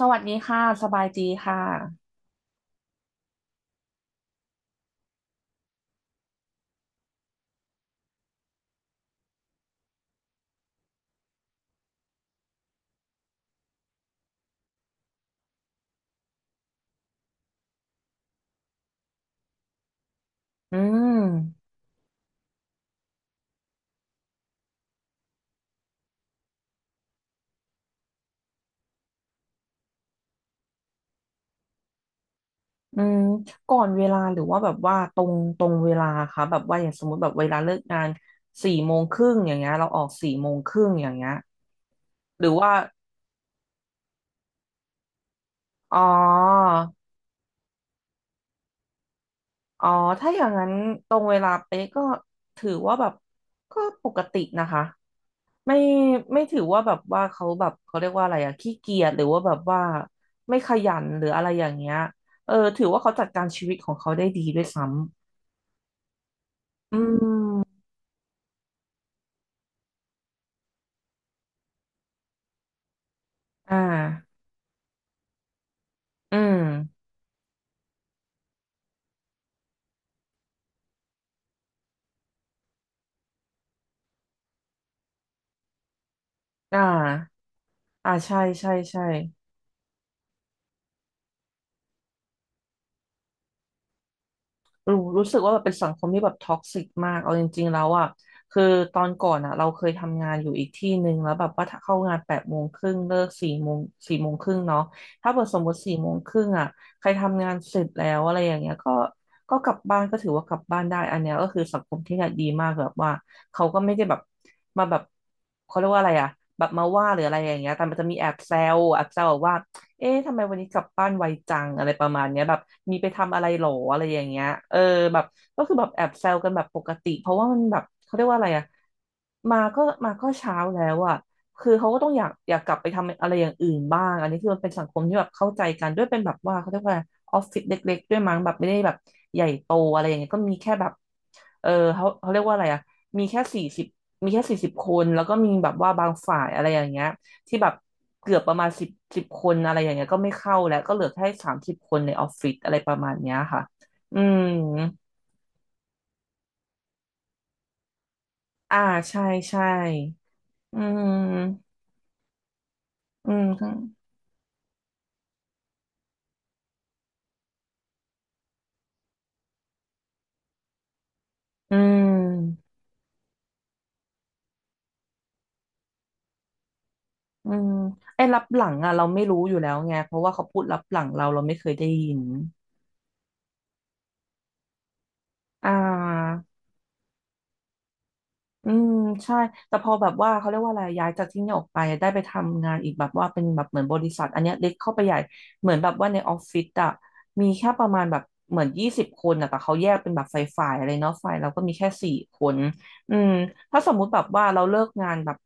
สวัสดีค่ะสบายดีค่ะ อืมอืมก่อนเวลาหรือว่าแบบว่าตรงเวลาค่ะแบบว่าอย่างสมมติแบบเวลาเลิกงานสี่โมงครึ่งอย่างเงี้ยเราออกสี่โมงครึ่งอย่างเงี้ยหรือว่าอ๋ออ๋อถ้าอย่างนั้นตรงเวลาเป๊ะก็ถือว่าแบบก็ปกตินะคะไม่ไม่ถือว่าแบบว่าเขาแบบเขาเรียกว่าอะไรอะขี้เกียจหรือว่าแบบว่าไม่ขยันหรืออะไรอย่างเงี้ยเออถือว่าเขาจัดการชีวิตของเขาได้ดีด้วยซ้ อืมอ่าอืม อ่า อ่า ใช่ใช่ใช่รู้สึกว่าแบบเป็นสังคมที่แบบท็อกซิกมากเอาจริงๆแล้วอ่ะคือตอนก่อนอ่ะเราเคยทำงานอยู่อีกที่หนึ่งแล้วแบบว่าถ้าเข้างานแปดโมงครึ่งเลิกสี่โมงสี่โมงครึ่งเนาะถ้าเปิดสมมติสี่โมงครึ่งอ่ะใครทำงานเสร็จแล้วอะไรอย่างเงี้ยก็กลับบ้านก็ถือว่ากลับบ้านได้อันเนี้ยก็คือสังคมที่เนี่ยดีมากแบบว่าเขาก็ไม่ได้แบบมาแบบเขาเรียกว่าอะไรอ่ะแบบมาว่าหรืออะไรอย่างเงี้ยแต่มันจะมีแอบแซวแบบว่า เอ๊ะทำไมวันนี้กลับบ้านไวจังอะไรประมาณเนี้ยแบบมีไปทำอะไรหรออะไรอย่างเงี้ยเออแบบก็คือแบบแอบแซวกันแบบปกติเพราะว่ามันแบบเขาเรียกว่าอะไรอะมาก็มาก็เช้าแล้วอะคือเขาก็ต้องอยากกลับไปทำอะไรอย่างอื่นบ้างอันนี้คือมันเป็นสังคมที่แบบเข้าใจกันด้วยเป็นแบบว่าเขาเรียกว่าออฟฟิศเล็กๆด้วยมั้งแบบไม่ได้แบบใหญ่โตอะไรอย่างเงี้ยก็มีแค่แบบเออเขาเรียกว่าอะไรอะมีแค่สี่สิบมีแค่40 คนแล้วก็มีแบบว่าบางฝ่ายอะไรอย่างเงี้ย ที่แบบเกือบประมาณสิบสิบคนอะไรอย่างเงี้ยก็ไม่เข้าแล้วก็เหลือแค่30 คนในออฟฟิศอะไรประมาณเนี้ยค่ะอืมอ่าใช่ใช่อืมอืมอืมอืมไอ้รับหลังอ่ะเราไม่รู้อยู่แล้วไงเพราะว่าเขาพูดรับหลังเราไม่เคยได้ยินอ่า อืมใช่แต่พอแบบว่าเขาเรียกว่าอะไรย้ายจากที่นี่ออกไปได้ไปทำงานอีกแบบว่าเป็นแบบเหมือนบริษัทอันเนี้ยเล็กเข้าไปใหญ่เหมือนแบบว่าในออฟฟิศอะมีแค่ประมาณแบบเหมือน20 คนอะแต่เขาแยกเป็นแบบฝ่ายอะไรเนาะฝ่ายเราก็มีแค่4 คนอืมถ้าสมมุติแบบว่าเราเลิกงานแบบ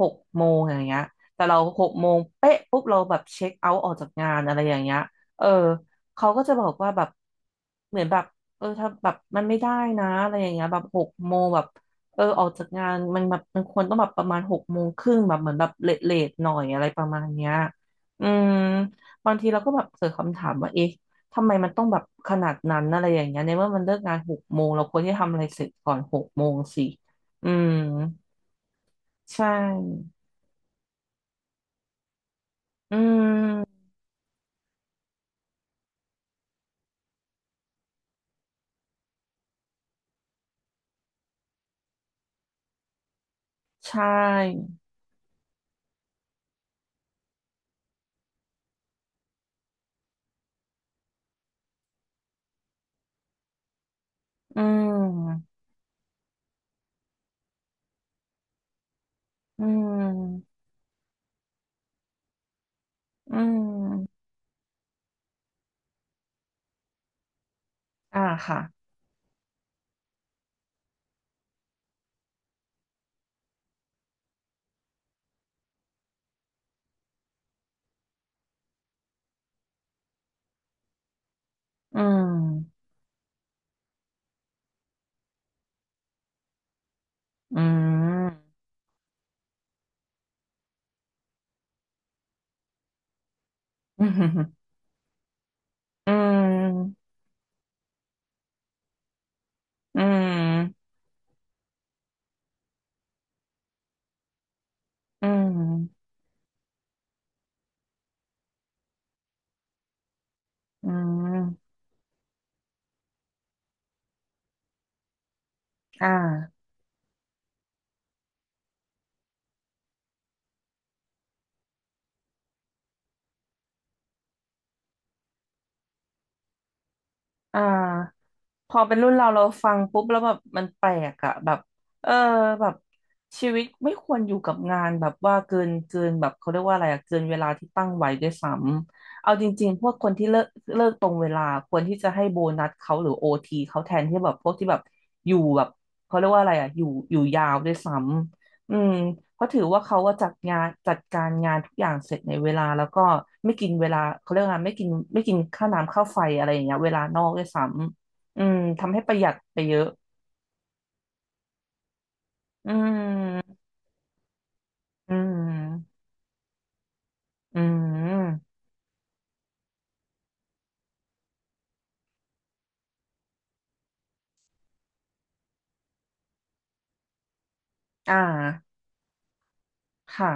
หกโมงอย่างเงี้ยแต่เราหกโมงเป๊ะปุ๊บเราแบบเช็คเอาท์ออกจากงานอะไรอย่างเงี้ยเออเขาก็จะบอกว่าแบบเหมือนแบบเออถ้าแบบมันไม่ได้นะอะไรอย่างเงี้ยแบบหกโมงแบบ เออออกจากงานมันแบบมันควรต้องแบบประมาณหกโมงครึ่งแบบเหมือนแบบเลทหน่อยอะไรประมาณเนี้ยอืมบางทีเราก็แบบเกิดคำถามว่าเอ๊ะทำไมมันต้องแบบขนาดนั้นอะไรอย่างเงี้ยในเมื่อมันเลิกงานหกโมงเราควรที่จะทำอะไรเสร็จก่อนหกโมงสิอืมใช่อืมใช่อืมอืมอืมอ่าค่ะอืมอืม อืมอืมอืมอืม อืมอ่าอ่าพอเป็นรุ่นเราเราฟังปุ๊บแล้วแบบมันแปลกอะแบบเออแบบชีวิตไม่ควรอยู่กับงานแบบว่าเกินแบบเขาเรียกว่าอะไรอะเกินเวลาที่ตั้งไว้ด้วยซ้ำเอาจริงๆพวกคนที่เลิกตรงเวลาควรที่จะให้โบนัสเขาหรือโอทีเขาแทนที่แบบพวกที่แบบอยู่แบบเขาเรียกว่าอะไรอะอยู่ยาวด้วยซ้ำ อืมเพราะถือว่าเขาว่าจัดงานจัดการงานทุกอย่างเสร็จในเวลาแล้วก็ไม่กินเวลาเขาเรียกว่าไม่กินค่าน้ำค่าไฟอะไรอย่างเงี้ยเวลานอกด้วยซ้ำอืมทำให้ประหยัดไปเยอะ อืมอืมอืมอ่าค่ะ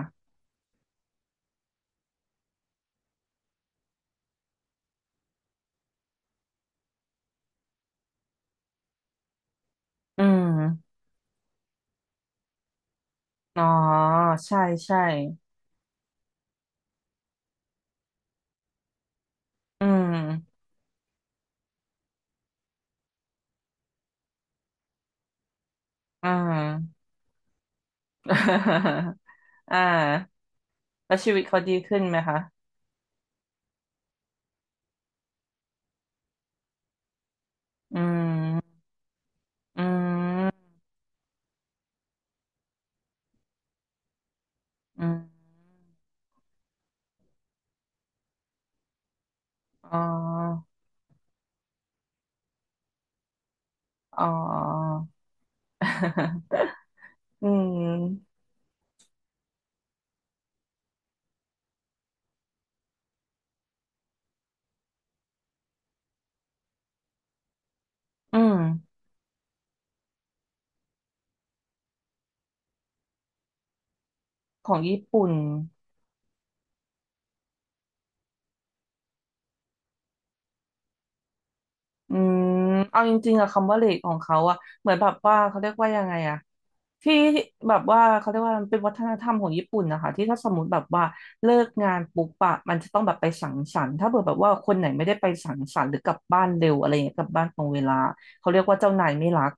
อืมอ๋อ ใช่ใช่ อืมอ่า อ่าแล้วชีวิตเขาดีขึ้นไหมคะอืมอืมอืมอ๋อ อ๋อ อืมอืมของญี่ปุ่นอืมเอาจริงๆอะคำว่าเลทของเขาอะเหมือนแบบว่าเขาเรียกว่ายังไงอะที่แบบว่าเขาเรียกว่ามันเป็นวัฒนธรรมของญี่ปุ่นนะคะ ที่ถ้าสมมติแบบว่าเลิกงานปุ๊บอะมันจะต้องแบบไปสังสรรค์ถ้าเผื่อแบบว่าคนไหนไม่ได้ไปสังสรรค์หรือกลับบ้านเร็วอะไรอย่างเงี้ยกลับบ้านตรงเวลา เขาเรียกว่าเจ้านายไม่รัก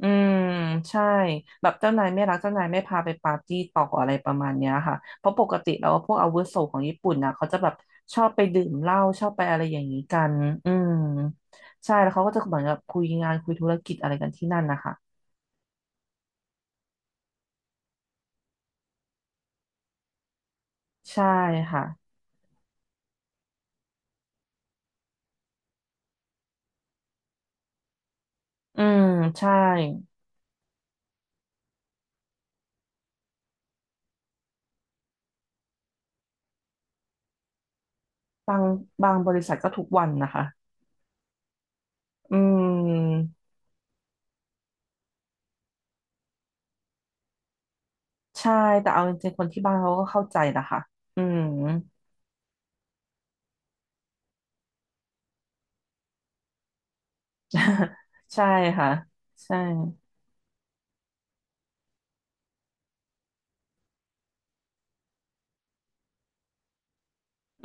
อืมใช่แบบเจ้านายไม่รักเจ้านายไม่พาไปปาร์ตี้ต่ออะไรประมาณเนี้ยค่ะเพราะปกติแล้วพวกอาวุโสของญี่ปุ่นนะเขาจะแบบชอบไปดื่มเหล้าชอบไปอะไรอย่างนี้กันอืมใช่แล้วเขาก็จะเหมือนกับคุยงานคุยธุรกิจอะไรกันที่นั่นนะคะใช่ค่ะอืมใช่บางบางบริษัทก็ทุกวันนะคะอืมใช่แต่เอาจริงๆคนที่บ้านเขาก็เข้าใจนะคะอืม ใช่ค่ะใช่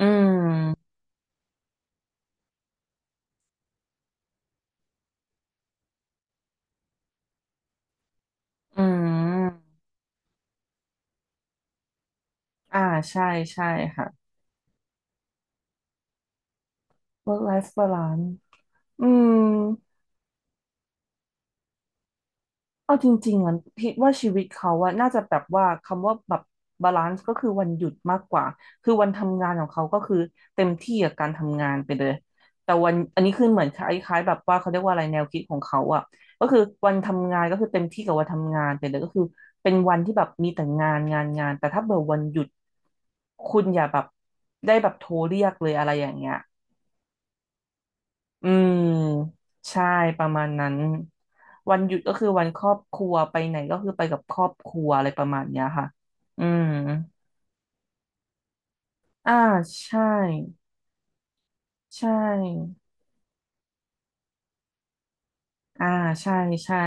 อืม อืมอ่าใช่ใช่ค่ะ work life balance อืมเอาจริงๆอ่ะคิดว่าชีวิตเขาอะน่าจะแบบว่าคำว่าแบบบาลานซ์ก็คือวันหยุดมากกว่าคือวันทำงานของเขาก็คือเต็มที่กับการทำงานไปเลยแต่วันอันนี้คือเหมือนคล้ายๆแบบว่าเขาเรียกว่าอะไรแนวคิดของเขาอะก็คือวันทำงานก็คือเต็มที่กับวันทำงานไปเลยก็คือเป็นวันที่แบบมีแต่งานงานงานแต่ถ้าเบอร์วันหยุดคุณอย่าแบบได้แบบโทรเรียกเลยอะไรอย่างเงี้ย อืมใช่ประมาณนั้นวันหยุดก็คือวันครอบครัวไปไหนก็คือไปกับครอบครัวอะไรประมาณเนี้ยค่ะอืมอ่าใช่ใช่อ่าใช่ใช่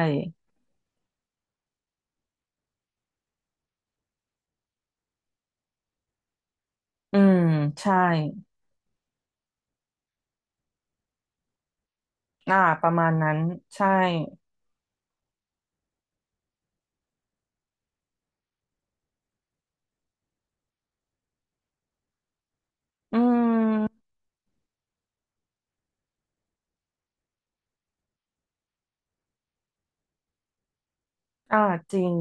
อืมใช่อ่าประมาณนั้นใช่อืมอ่าจริง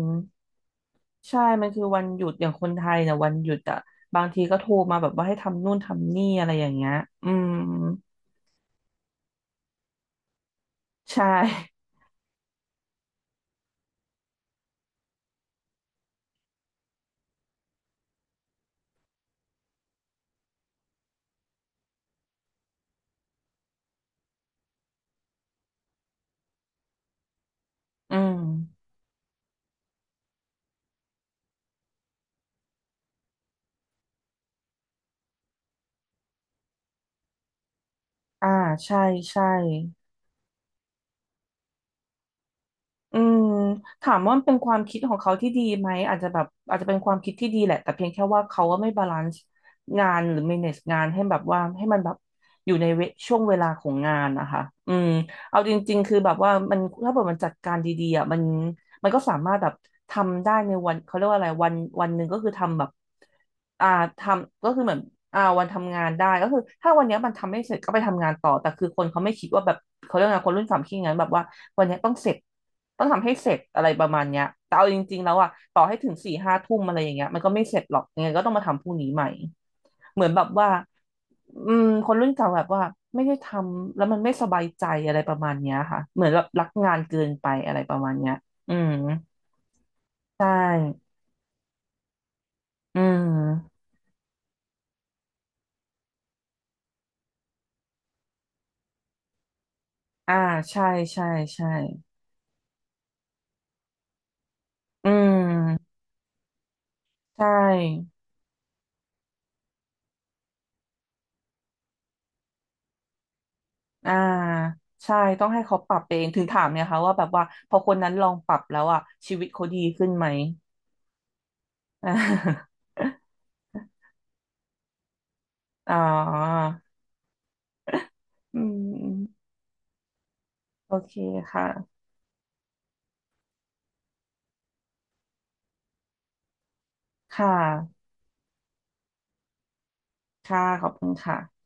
ใช่มันคือวันหยุดอย่างคนไทยเนี่ยวันหยุดอ่ะบางทีก็โทรมาแบบว่าให้ทำนู่นทำนี่อะไรอย่างเงี้ยอืมใช่อืมอ่าใช่ใช่ อืมถามว่ามันเป็นความคิดของเขาที่ดีไหมอาจจะแบบอาจจะเป็นความคิดที่ดีแหละแต่เพียงแค่ว่าเขาว่าไม่บาลานซ์งานหรือ manage งานให้แบบว่าให้มันแบบอยู่ในเวช่วงเวลาของงานนะคะอืม เอาจริงๆคือแบบว่ามันถ้าเกิดมันจัดการดีๆอ่ะมันก็สามารถแบบทำได้ในวันเขาเรียกว่าอะไรวันหนึ่งก็คือทำแบบอ่าทำก็คือเหมือนอ่าวันทำงานได้ก็คือถ้าวันเนี้ยมันทำไม่เสร็จก็ไปทำงานต่อแต่คือคนเขาไม่คิดว่าแบบเขาเรียกไงคนรุ่นสามคิดอย่างนั้นแบบว่าวันเนี้ยต้องเสร็จต้องทำให้เสร็จอะไรประมาณเนี้ยแต่เอาจริงๆแล้วอ่ะต่อให้ถึงสี่ห้าทุ่มอะไรอย่างเงี้ยมันก็ไม่เสร็จหรอกยังไงก็ต้องมาทำพรุ่งนี้ใหม่เหมือนแบบว่า อืมคนรุ่นเก่าแบบว่าไม่ได้ทำแล้วมันไม่สบายใจอะไรประมาณเนี้ยค่ะเหมือนแบบรักงานเกินไปอะไรประมาณเนี้ยอืมใช่อืมอ่าใช่ใช่ใช่อืมใช่อ่าใช่ต้องให้เขาปรับเองถึงถามเนี่ยค่ะว่าแบบว่าพอคนนั้นลองปรับแล้วอ่ะชีวิตเขาดีขึ้นไหม อ่า อ๋ออืมโอเคค่ะค่ะค่ะขอบคุณค่ะ